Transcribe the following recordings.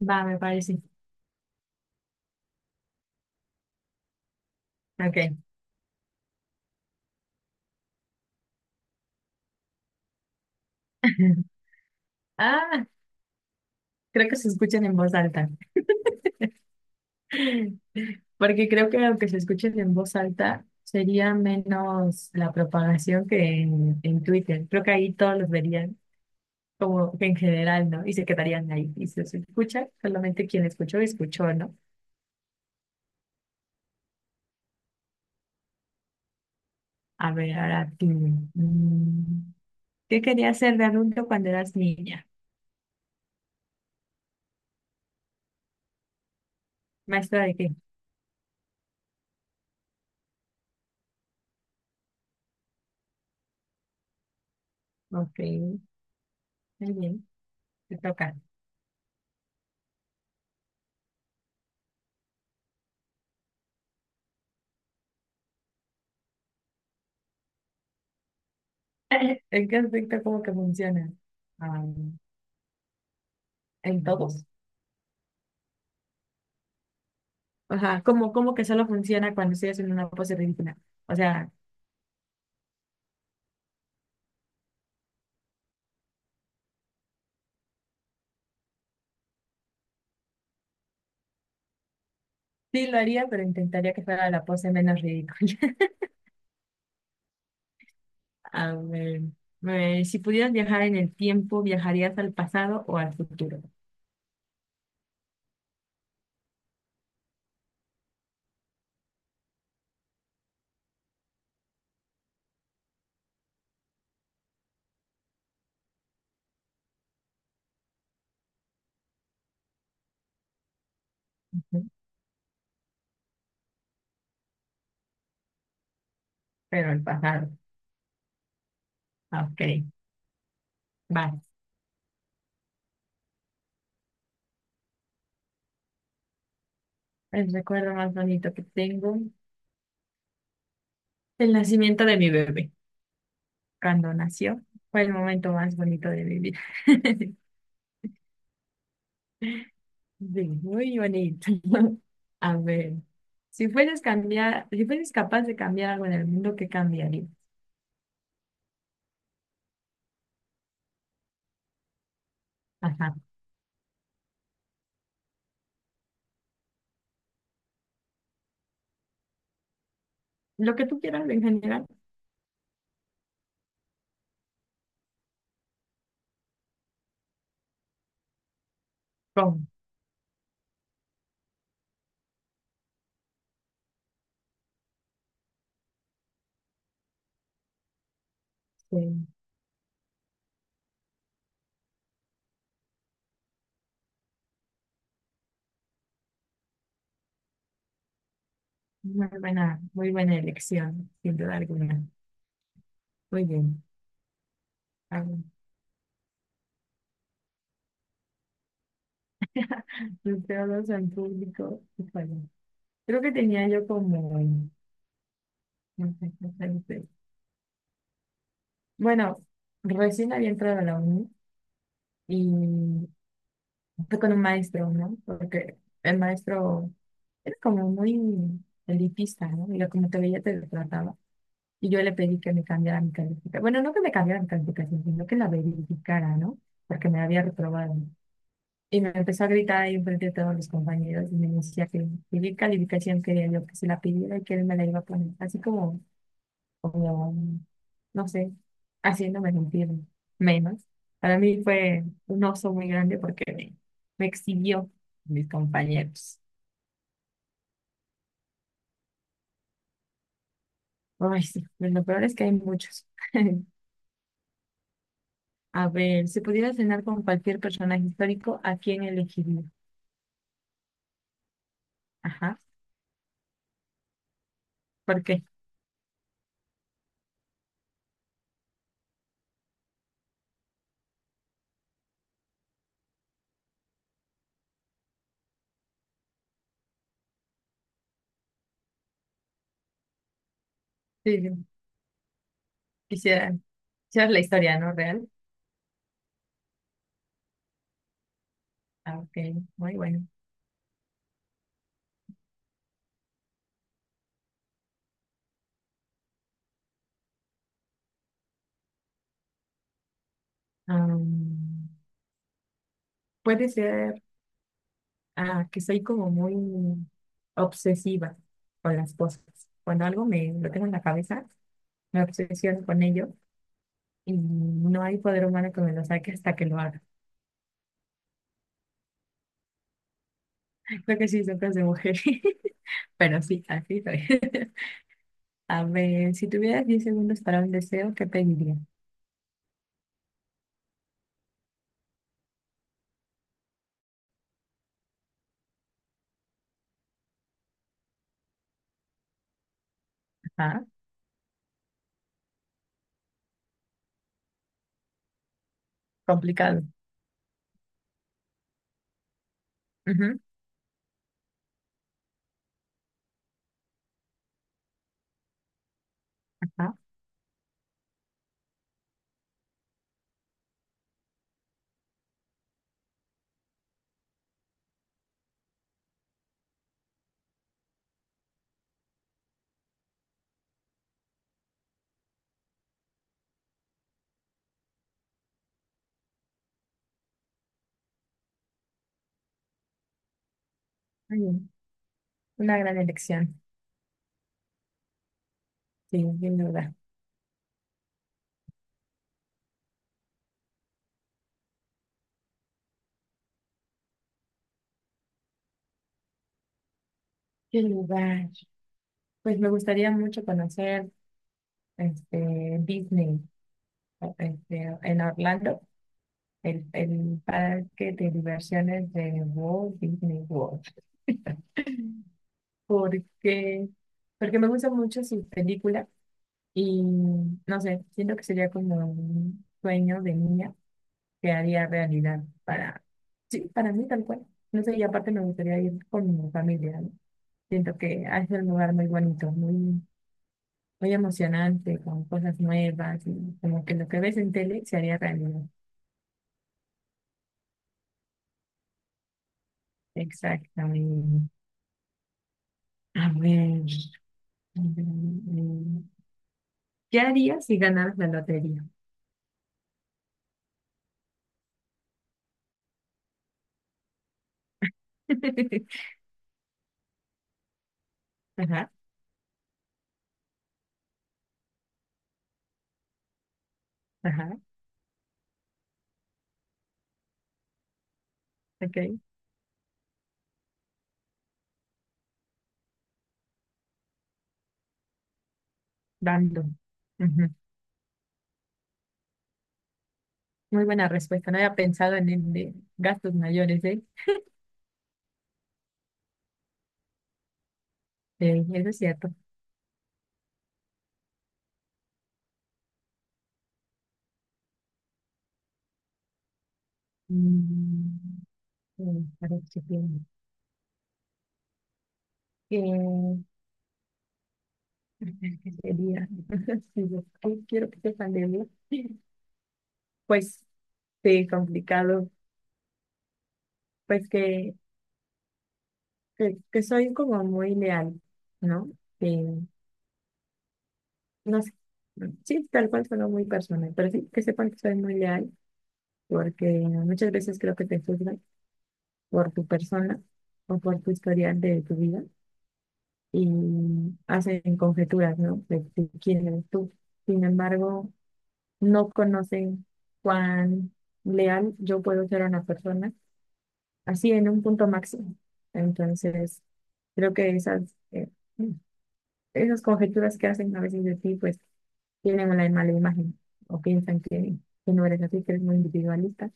Va, me parece. Ok. Ah, creo que se escuchen en voz alta. Porque creo que aunque se escuchen en voz alta, sería menos la propagación que en Twitter. Creo que ahí todos los verían como que en general, ¿no? Y se quedarían ahí. Y si se escucha, solamente quien escuchó, escuchó, ¿no? A ver, ahora tú. Mm, ¿qué querías ser de adulto cuando eras niña? ¿Maestra de qué? Ok, muy bien. Te toca. ¿En qué aspecto como que funciona? Ah, en todos. Ajá, como que solo funciona cuando estoy haciendo una pose ridícula. O sea, sí lo haría, pero intentaría que fuera la pose menos ridícula. A ver, si pudieras viajar en el tiempo, ¿viajarías al pasado o al futuro? Ujú. Pero al pasado. Ah, ok, vale. El recuerdo más bonito que tengo, el nacimiento de mi bebé. Cuando nació, fue el momento más bonito de mi vida. Sí, muy bonito. A ver, si fueras cambiar, si fueras capaz de cambiar algo en el mundo, ¿qué cambiaría? Ajá. Lo que tú quieras en general. Prom. Sí. Muy buena elección, sin duda alguna. Muy bien. A ver. Los teólogos en público. Híjole. Creo que tenía yo como, no sé, no sé, no sé. Bueno, recién había entrado a la uni y fue con un maestro, ¿no? Porque el maestro era como muy elitista, ¿no? Y lo- como te veía te trataba. Y yo le pedí que me cambiara mi calificación. Bueno, no que me cambiara mi calificación, sino que la verificara, ¿no? Porque me había reprobado. Y me empezó a gritar ahí enfrente de todos los compañeros y me decía que qué calificación quería yo que se la pidiera y que él me la iba a poner. Así como como, no sé, haciéndome sentir menos. Para mí fue un oso muy grande porque me exhibió mis compañeros. Ay, sí, pero lo peor es que hay muchos. A ver, si pudiera cenar con cualquier personaje histórico, ¿a quién elegiría? Ajá, ¿por qué? Sí, sí, quisiera, quisiera la historia, ¿no? Real. Ah, ok, muy bueno. Am, puede ser Ah, que soy como muy obsesiva con las cosas. Cuando algo me lo tengo en la cabeza, me obsesiono con ello y no hay poder humano que me lo saque hasta que lo haga. Creo que sí, son cosas de mujer. Pero sí, así soy. A ver, si tuvieras 10 segundos para un deseo, ¿qué pediría? Ajá, complicado. Ujú, ajá, muy bien. Una gran elección, sí, sin duda. ¿Qué lugar? Pues me gustaría mucho conocer este, Disney o- este, en Orlando. El parque de diversiones de Walt Disney World. Porque, porque me gustan mucho sus películas y no sé, siento que sería como un sueño de niña que haría realidad para, sí, para mí tal cual. No sé, y aparte me gustaría ir con mi familia, ¿no? Siento que es un lugar muy bonito, muy, muy emocionante, con cosas nuevas y como que lo que ves en tele se haría realidad. Exactamente. A ver. Mm, ¿qué harías si ganaras la lotería? Ajá, ajá, ok, random. Ujú. Muy buena respuesta, no había pensado en el de gastos mayores, ¿eh? Sí, eso es cierto. Mm, mm, a ver qué tiene. Eh, ¿qué sería? Sí, yo- ay, quiero que sepan de mí. Pues sí, complicado. Pues que soy como muy leal, ¿no? Eh, no sé. Sí, tal cual sonó muy personal, pero sí que sepan que soy muy leal, porque muchas veces creo que te juzgan por tu persona o por tu historial de tu vida y hacen conjeturas, ¿no? De quién eres tú. Sin embargo, no conocen cuán leal yo puedo ser a una persona, así en un punto máximo. Entonces, creo que esas, esas conjeturas que hacen a veces de ti, pues tienen una mala imagen o piensan que no eres así, que eres muy individualista,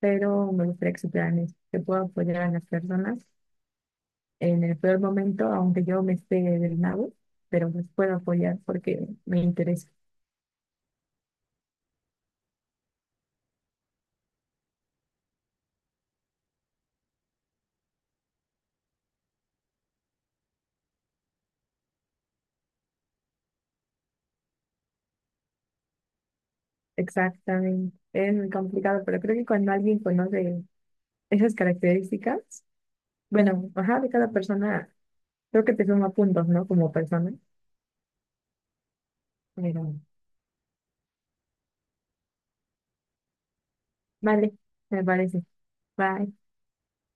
pero me gustaría que supieran eso, que puedo apoyar a las personas en el peor momento, aunque yo me esté del nabo, pero pues puedo apoyar porque me interesa. Exactamente, es muy complicado, pero creo que cuando alguien conoce esas características, bueno, ajá, de cada persona, creo que te suma puntos, ¿no? Como persona, pero vale, me parece. Bye.